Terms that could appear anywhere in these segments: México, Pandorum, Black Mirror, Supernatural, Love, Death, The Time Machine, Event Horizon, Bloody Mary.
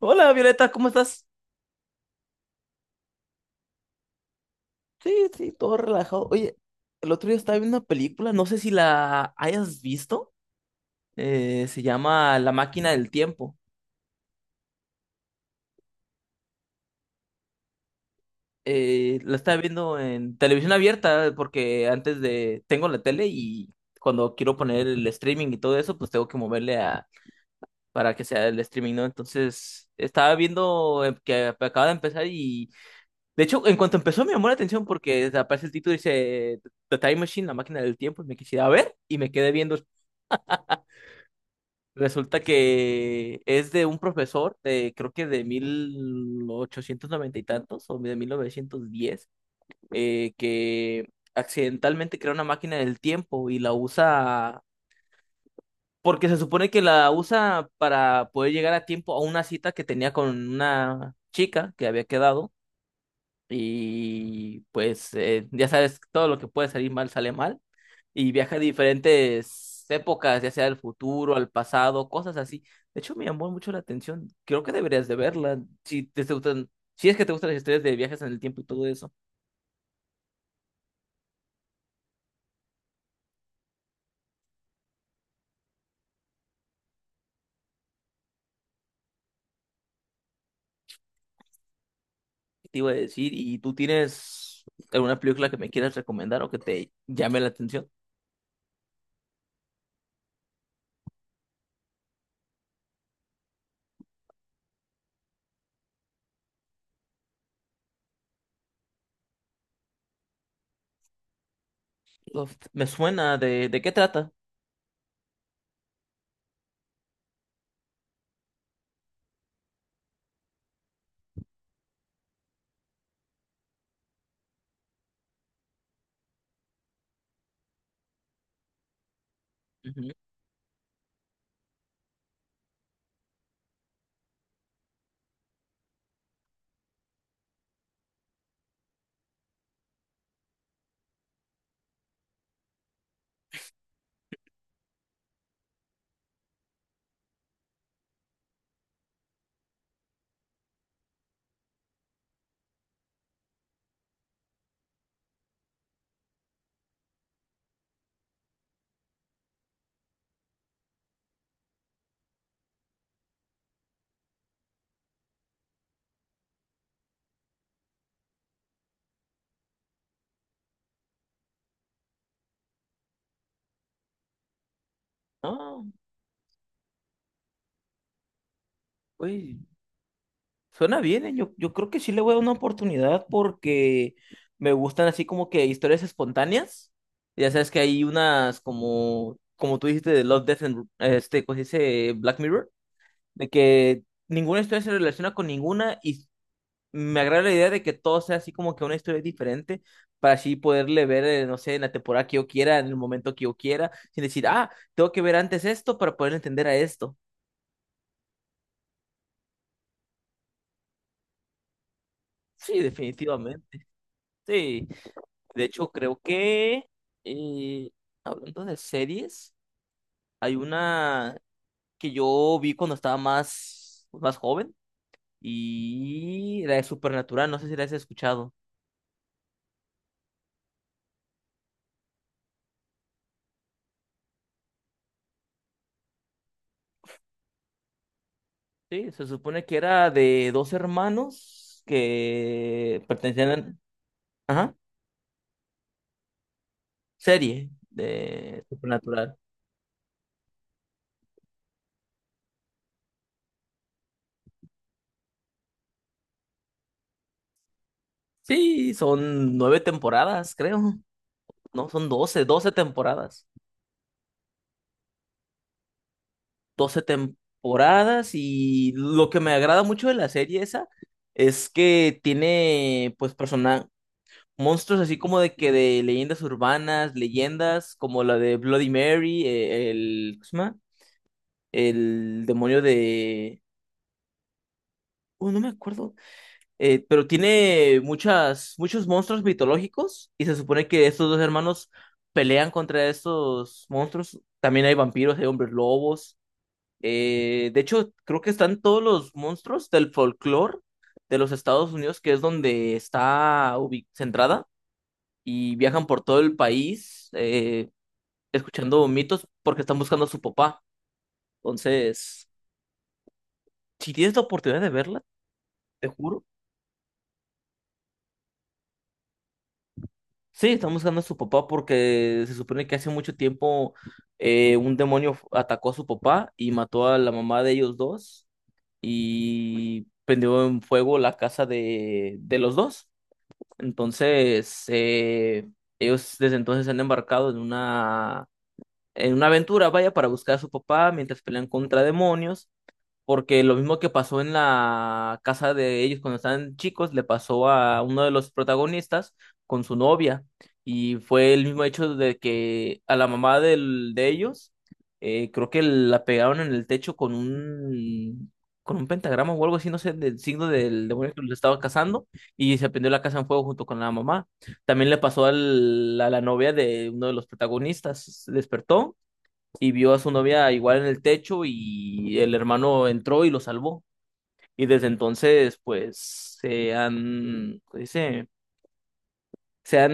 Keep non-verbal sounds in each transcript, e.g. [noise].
Hola Violeta, ¿cómo estás? Sí, sí, todo relajado. Oye, el otro día estaba viendo una película, no sé si la hayas visto. Se llama La máquina del tiempo. La estaba viendo en televisión abierta porque antes de... Tengo la tele y cuando quiero poner el streaming y todo eso, pues tengo que moverle a... para que sea el streaming, ¿no? Entonces, estaba viendo que acaba de empezar. De hecho, en cuanto empezó me llamó la atención porque aparece el título y dice The Time Machine, la máquina del tiempo, y me quisiera ver y me quedé viendo. Resulta que es de un profesor de creo que de 1890 y tantos o de 1910 que accidentalmente crea una máquina del tiempo y la usa porque se supone que la usa para poder llegar a tiempo a una cita que tenía con una chica que había quedado, y pues ya sabes, todo lo que puede salir mal sale mal. Y viaja a diferentes épocas, ya sea al futuro, al pasado, cosas así. De hecho, me llamó mucho la atención. Creo que deberías de verla. Si te gustan, si es que te gustan las historias de viajes en el tiempo y todo eso, ¿qué te iba a decir? ¿Y tú tienes alguna película que me quieras recomendar o que te llame la atención? Uf, me suena ¿de qué trata? Ujú. Ah, uy, suena bien, ¿eh? Yo creo que sí le voy a dar una oportunidad porque me gustan así como que historias espontáneas. Ya sabes que hay unas como, como tú dijiste de Love, Death and este, pues dice Black Mirror, de que ninguna historia se relaciona con ninguna y me agrada la idea de que todo sea así como que una historia diferente para así poderle ver, no sé, en la temporada que yo quiera, en el momento que yo quiera, sin decir, ah, tengo que ver antes esto para poder entender a esto. Sí, definitivamente. Sí, de hecho creo que eh, hablando de series, hay una que yo vi cuando estaba más, más joven, y la de Supernatural, no sé si la has escuchado. Sí, se supone que era de dos hermanos que pertenecían a... Ajá, serie de Supernatural. Sí, son nueve temporadas, creo. No, son doce, doce temporadas. Doce temporadas, y lo que me agrada mucho de la serie esa es que tiene pues persona monstruos así como de que de leyendas urbanas, leyendas como la de Bloody Mary, el ¿cómo se llama? El demonio de no me acuerdo, pero tiene muchas muchos monstruos mitológicos, y se supone que estos dos hermanos pelean contra estos monstruos. También hay vampiros, hay hombres lobos. De hecho, creo que están todos los monstruos del folclore de los Estados Unidos, que es donde está ubi- centrada, y viajan por todo el país escuchando mitos porque están buscando a su papá. Entonces, si tienes la oportunidad de verla, te juro. Sí, están buscando a su papá porque se supone que hace mucho tiempo un demonio f- atacó a su papá y mató a la mamá de ellos dos y prendió en fuego la casa de los dos. Entonces, ellos desde entonces se han embarcado en una aventura, vaya, para buscar a su papá mientras pelean contra demonios, porque lo mismo que pasó en la casa de ellos cuando estaban chicos, le pasó a uno de los protagonistas con su novia. Y fue el mismo hecho de que a la mamá del, de ellos, creo que la pegaron en el techo con un pentagrama o algo así, no sé, del signo del demonio que los estaba cazando, y se prendió la casa en fuego junto con la mamá. También le pasó al- a la novia de uno de los protagonistas, se despertó y vio a su novia igual en el techo y el hermano entró y lo salvó. Y desde entonces, pues, se han, ¿cómo se dice? Se han,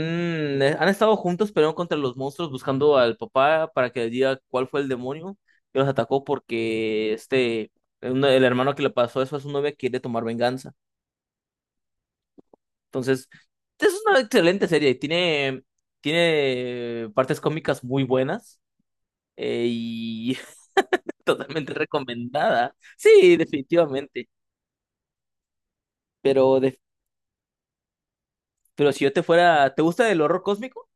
han estado juntos peleando contra los monstruos, buscando al papá para que le diga cuál fue el demonio que los atacó porque este, un- el hermano que le pasó eso a su novia quiere tomar venganza. Entonces, es una excelente serie, tiene, tiene partes cómicas muy buenas y totalmente recomendada. Sí, definitivamente. Pero, de- pero si yo te fuera, ¿te gusta el horror cósmico?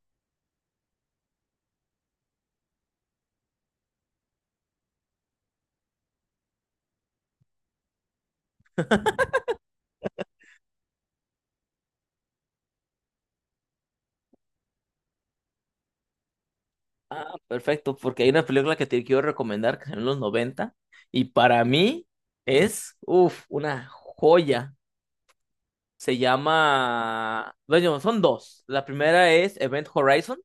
Ah, perfecto, porque hay una película que te quiero recomendar que es en los noventa y para mí es, uff, una joya. Se llama, bueno, son dos. La primera es Event Horizon.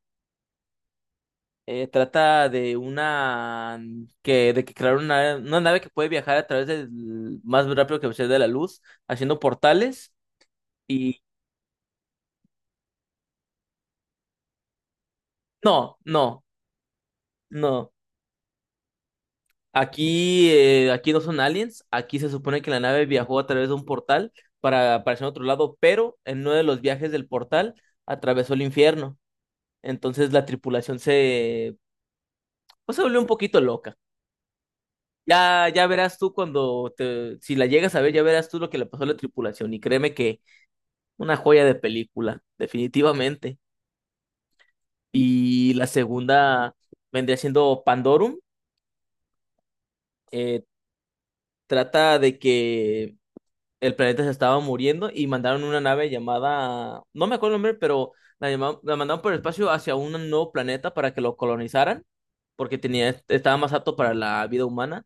Trata de una que de que crearon una nave que puede viajar a través del más rápido que la velocidad de la luz, haciendo portales y no, no, no. Aquí, aquí no son aliens, aquí se supone que la nave viajó a través de un portal para aparecer en otro lado, pero en uno de los viajes del portal atravesó el infierno. Entonces la tripulación se, pues, se volvió un poquito loca. Ya, ya verás tú cuando te, si la llegas a ver, ya verás tú lo que le pasó a la tripulación. Y créeme que una joya de película, definitivamente. Y la segunda vendría siendo Pandorum. Eh, trata de que el planeta se estaba muriendo y mandaron una nave llamada, no me acuerdo el nombre, pero la, llama- la mandaron por el espacio hacia un nuevo planeta para que lo colonizaran, porque tenía, estaba más apto para la vida humana.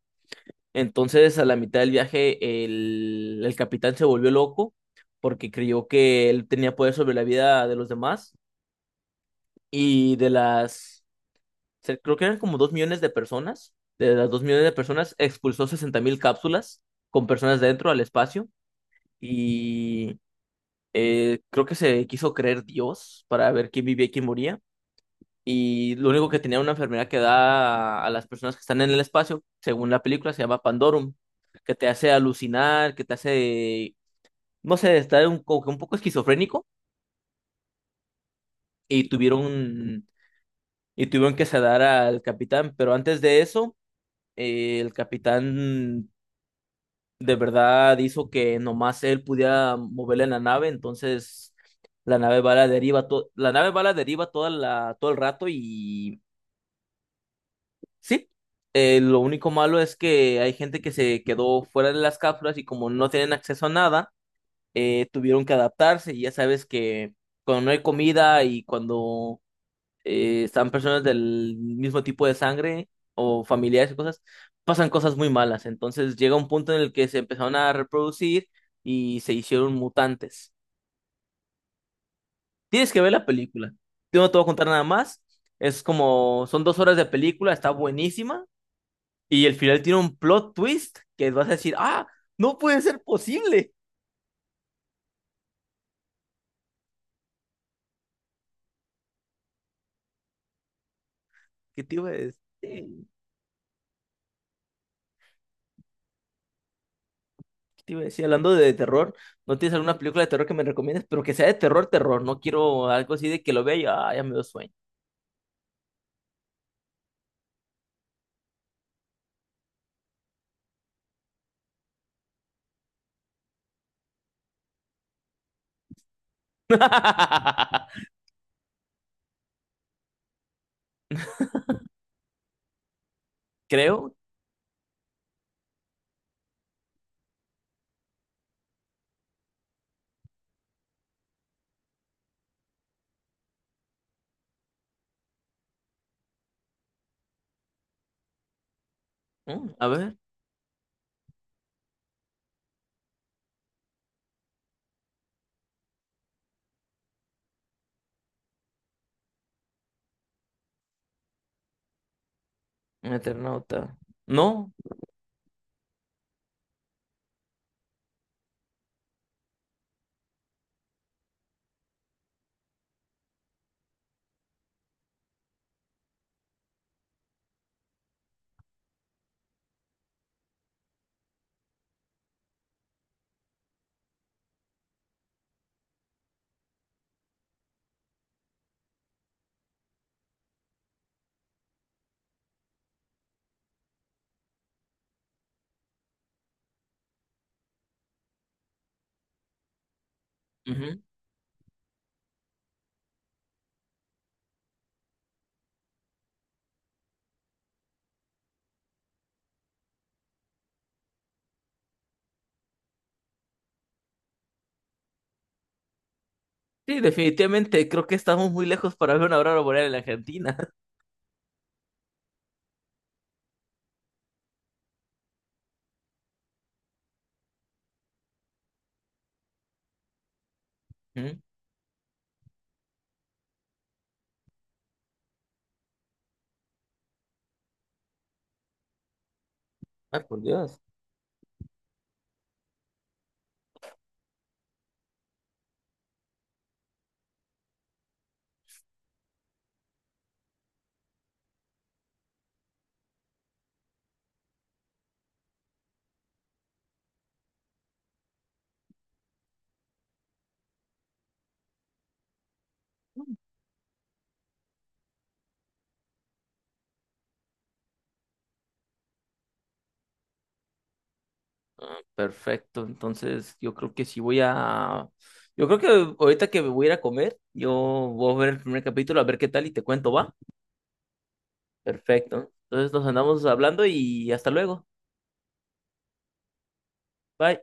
Entonces, a la mitad del viaje, el capitán se volvió loco porque creyó que él tenía poder sobre la vida de los demás y de las, se- creo que eran como 2 millones de personas. De las 2 millones de personas, expulsó 60.000 cápsulas con personas dentro al espacio. Y creo que se quiso creer Dios para ver quién vivía y quién moría. Y lo único que tenía era una enfermedad que da a las personas que están en el espacio, según la película, se llama Pandorum, que te hace alucinar, que te hace, no sé, estar un, como que un poco esquizofrénico. Y tuvieron, y tuvieron que sedar al capitán, pero antes de eso, el capitán de verdad hizo que nomás él pudiera moverle la nave, entonces la nave va a la deriva, to- la nave va a la deriva toda la, todo el rato y sí, lo único malo es que hay gente que se quedó fuera de las cápsulas y como no tienen acceso a nada, tuvieron que adaptarse, y ya sabes que cuando no hay comida y cuando están personas del mismo tipo de sangre o familiares y cosas, pasan cosas muy malas. Entonces llega un punto en el que se empezaron a reproducir y se hicieron mutantes. Tienes que ver la película. Yo no te voy a contar nada más. Es como, son 2 horas de película, está buenísima. Y el final tiene un plot twist que vas a decir, ah, no puede ser posible. ¿Qué te iba a decir? ¿Qué te iba a decir? Hablando de terror, ¿no tienes alguna película de terror que me recomiendes? Pero que sea de terror, terror. No quiero algo así de que lo vea y ah, ya me dio sueño. [laughs] Creo. Mm, a ver, un Eternauta. No. Ujú. Sí, definitivamente. Creo que estamos muy lejos para ver una aurora boreal en la Argentina. [laughs] Mm, ay, por Dios. Perfecto. Entonces, yo creo que sí voy a. Yo creo que ahorita que me voy a ir a comer, yo voy a ver el primer capítulo, a ver qué tal y te cuento, ¿va? Perfecto. Entonces nos andamos hablando y hasta luego. Bye.